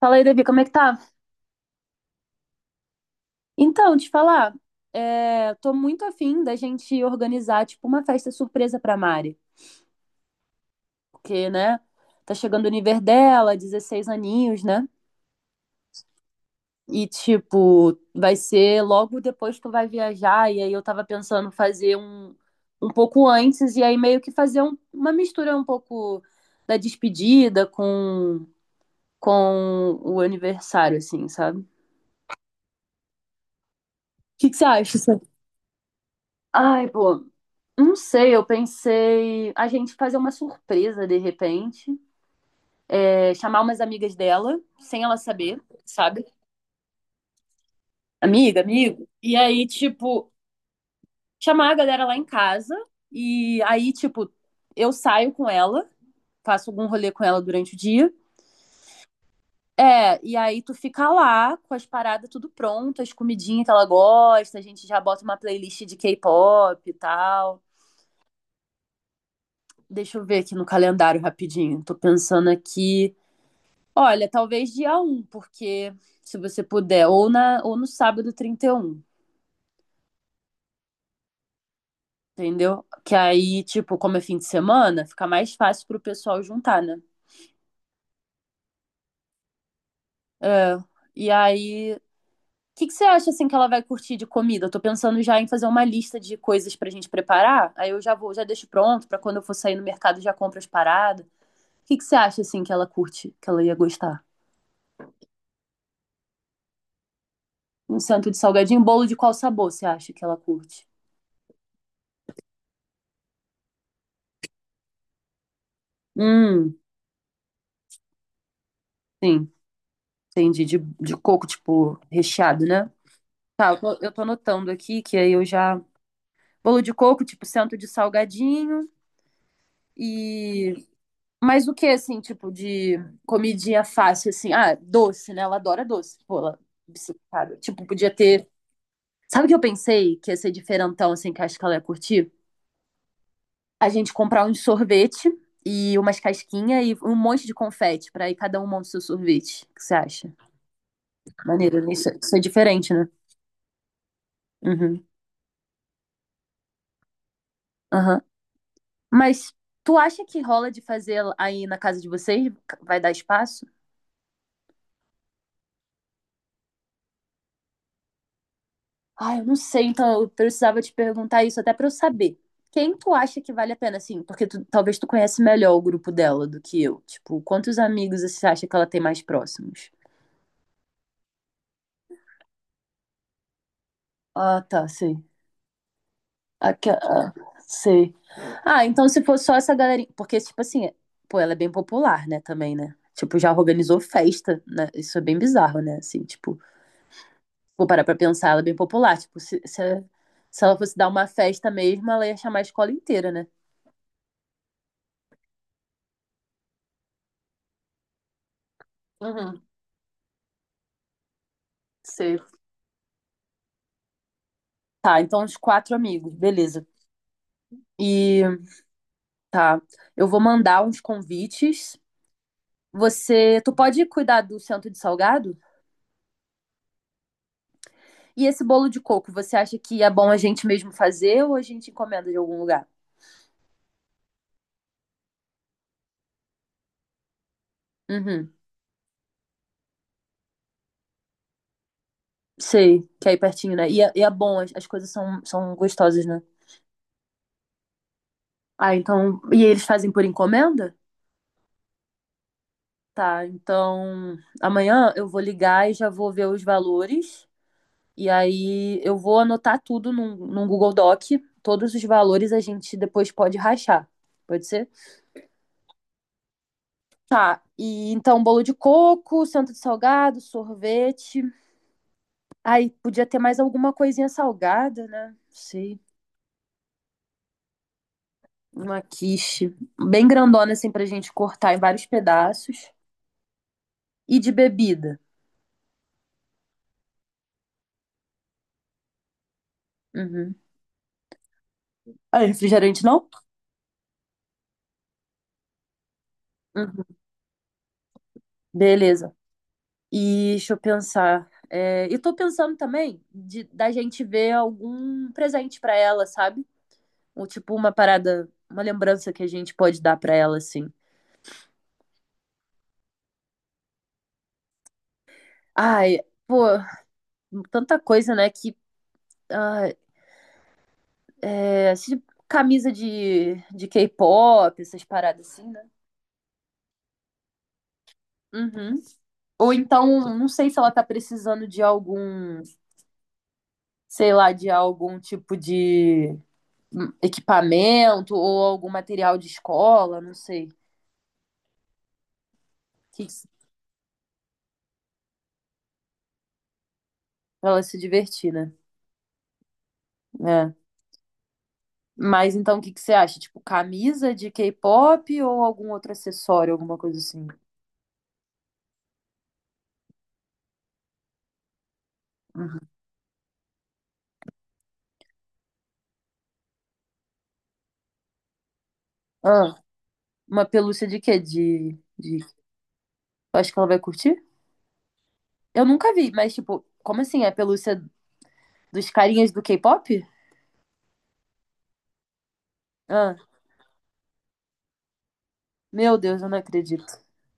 Fala aí, Davi, como é que tá? Então, te falar, tô muito afim da gente organizar, tipo, uma festa surpresa pra Mari. Porque, né, tá chegando o nível dela, 16 aninhos, né? E, tipo, vai ser logo depois que tu vai viajar. E aí eu tava pensando fazer um pouco antes, e aí meio que fazer uma mistura um pouco da despedida com o aniversário, assim, sabe? O que que você acha? Ai, pô, não sei, eu pensei a gente fazer uma surpresa de repente, é, chamar umas amigas dela, sem ela saber, sabe? Amiga, amigo. E aí, tipo, chamar a galera lá em casa, e aí, tipo, eu saio com ela, faço algum rolê com ela durante o dia. É, e aí tu fica lá com as paradas tudo pronto, as comidinhas que ela gosta, a gente já bota uma playlist de K-pop e tal. Deixa eu ver aqui no calendário rapidinho. Tô pensando aqui. Olha, talvez dia 1, porque se você puder, ou no sábado 31, entendeu? Que aí, tipo, como é fim de semana, fica mais fácil pro pessoal juntar, né? É, e aí, o que que você acha, assim, que ela vai curtir de comida? Eu tô pensando já em fazer uma lista de coisas pra gente preparar, aí eu já vou, já deixo pronto pra quando eu for sair no mercado já compro as paradas. O que que você acha, assim, que ela curte, que ela ia gostar? Um centro de salgadinho, bolo de qual sabor você acha que ela curte? Hum, sim. Entendi, de coco, tipo, recheado, né? Tá, eu tô anotando aqui que aí eu já. Bolo de coco, tipo, centro de salgadinho e. Mas o que, assim, tipo, de comidinha fácil, assim? Ah, doce, né? Ela adora doce, pô, ela é obcecada. Tipo, podia ter. Sabe o que eu pensei que ia ser diferentão, assim, que eu acho que ela ia curtir? A gente comprar um sorvete e umas casquinhas e um monte de confete pra ir cada um monta o seu sorvete. O que você acha? Maneiro, né? Isso, é, isso é diferente, né? Uhum. Aham. Mas tu acha que rola de fazer aí na casa de vocês? Vai dar espaço? Ah, eu não sei, então eu precisava te perguntar isso até pra eu saber. Quem tu acha que vale a pena, assim? Porque tu- talvez tu conhece melhor o grupo dela do que eu. Tipo, quantos amigos você acha que ela tem mais próximos? Ah, tá, sei. Aque- ah, sei. Ah, então se for só essa galerinha. Porque, tipo assim, pô, ela é bem popular, né, também, né? Tipo, já organizou festa, né? Isso é bem bizarro, né? Assim, tipo. Vou parar pra pensar, ela é bem popular. Tipo, se ela fosse dar uma festa mesmo, ela ia chamar a escola inteira, né? Uhum, sei. Tá, então uns quatro amigos, beleza. E tá, eu vou mandar uns convites. Você, tu pode cuidar do centro de salgado? E esse bolo de coco, você acha que é bom a gente mesmo fazer ou a gente encomenda de algum lugar? Uhum, sei, que é aí pertinho, né? E é bom, as coisas são gostosas, né? Ah, então. E eles fazem por encomenda? Tá, então amanhã eu vou ligar e já vou ver os valores. E aí eu vou anotar tudo num Google Doc. Todos os valores a gente depois pode rachar. Pode ser? Tá. E então, bolo de coco, centro de salgado, sorvete. Aí podia ter mais alguma coisinha salgada, né? Não sei. Uma quiche. Bem grandona, assim, pra gente cortar em vários pedaços. E de bebida. Uhum. Ah, refrigerante não? Uhum. Beleza. E deixa eu pensar. É, eu tô pensando também de, da gente ver algum presente pra ela, sabe? Ou tipo uma parada, uma lembrança que a gente pode dar pra ela, assim. Ai, pô, tanta coisa, né? Que ah, assim, camisa de K-pop, essas paradas assim, né? Uhum. Ou então, não sei se ela tá precisando de algum, sei lá, de algum tipo de equipamento ou algum material de escola, não sei. O que Ela se divertir, né? É. Mas então o que que você acha? Tipo, camisa de K-pop ou algum outro acessório, alguma coisa assim? Uhum. Ah, uma pelúcia de quê? Eu acho que ela vai curtir? Eu nunca vi, mas tipo, como assim? É pelúcia dos carinhas do K-pop? Ah, meu Deus, eu não acredito.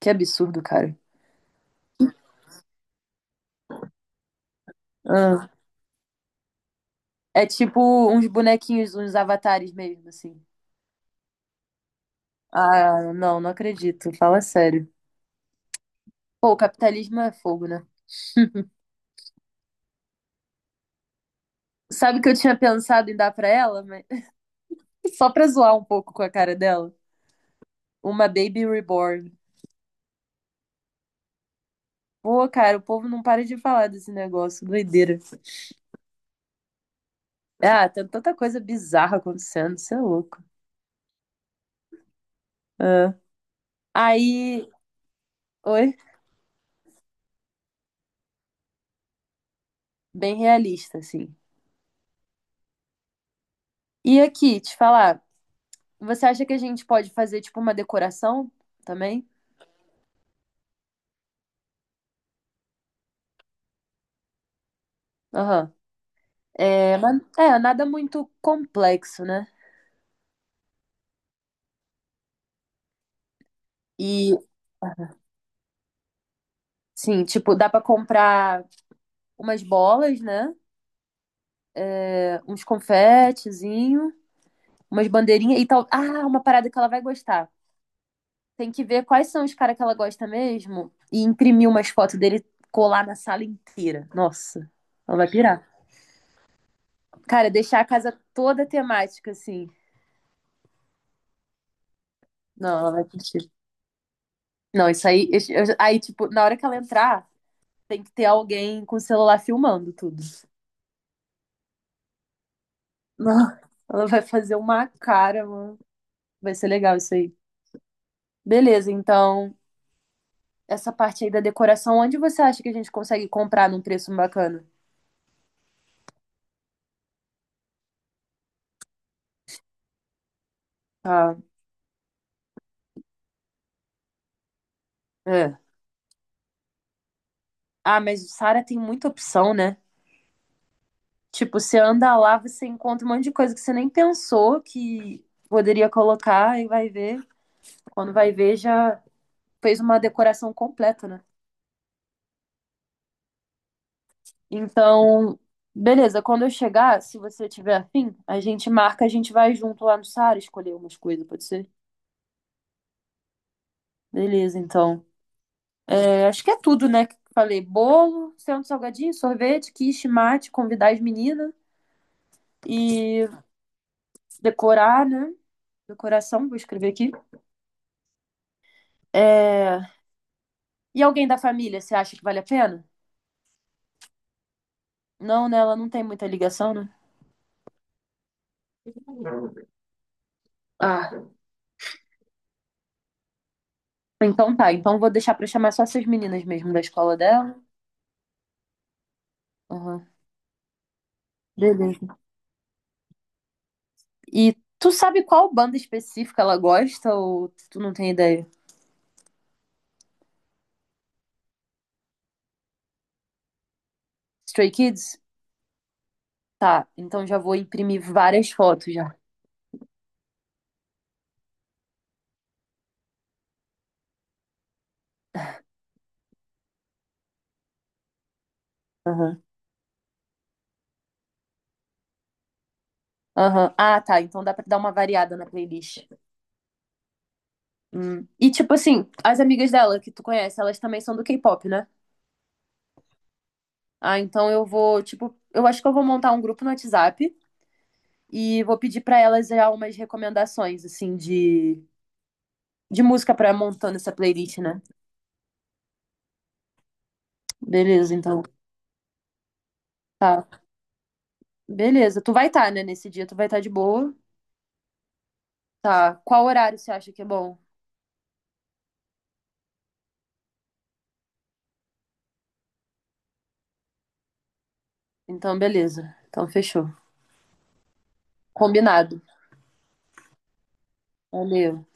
Que absurdo, cara. Ah, é tipo uns bonequinhos, uns avatares mesmo, assim. Ah, não, não acredito. Fala sério. Pô, o capitalismo é fogo, né? Sabe que eu tinha pensado em dar pra ela, só pra zoar um pouco com a cara dela. Uma Baby Reborn. Pô, cara, o povo não para de falar desse negócio, doideira. Ah, tem tanta coisa bizarra acontecendo, isso é louco. Ah. Aí, oi, bem realista, assim. E aqui, te falar, você acha que a gente pode fazer, tipo, uma decoração também? Aham. É, mas, é, nada muito complexo, né? E, sim, tipo, dá pra comprar umas bolas, né? Uns confetezinhos, umas bandeirinhas e tal. Ah, uma parada que ela vai gostar. Tem que ver quais são os caras que ela gosta mesmo e imprimir umas fotos dele colar na sala inteira. Nossa, ela vai pirar. Cara, deixar a casa toda temática, assim. Não, ela vai curtir. Não, isso aí. Aí, tipo, na hora que ela entrar, tem que ter alguém com o celular filmando tudo. Não, ela vai fazer uma cara, mano. Vai ser legal isso aí. Beleza, então, essa parte aí da decoração, onde você acha que a gente consegue comprar num preço bacana? Ah, é. Ah, mas o Sara tem muita opção, né? Tipo, você anda lá, você encontra um monte de coisa que você nem pensou que poderia colocar e vai ver. Quando vai ver, já fez uma decoração completa, né? Então, beleza, quando eu chegar, se você tiver afim, a gente marca, a gente vai junto lá no Sara escolher umas coisas, pode ser? Beleza, então. É, acho que é tudo, né? Que eu falei, bolo, centro salgadinho, sorvete, quiche, mate, convidar as meninas e decorar, né? Decoração, vou escrever aqui. É, e alguém da família, você acha que vale a pena? Não, né? Ela não tem muita ligação, né? Ah, então tá. Então vou deixar pra chamar só essas meninas mesmo da escola dela. Aham. Beleza. E tu sabe qual banda específica ela gosta ou tu não tem ideia? Stray Kids? Tá, então já vou imprimir várias fotos já. Aham. Aham. Ah, tá. Então dá pra dar uma variada na playlist. Hum. E tipo assim, as amigas dela que tu conhece, elas também são do K-pop, né? Ah, então eu vou, tipo, eu acho que eu vou montar um grupo no WhatsApp e vou pedir pra elas já umas recomendações, assim, de música pra montando essa playlist, né? Beleza, então. Tá. Beleza. Tu vai estar, tá, né? Nesse dia tu vai estar de boa. Tá. Qual horário você acha que é bom? Então, beleza. Então, fechou. Combinado. Valeu.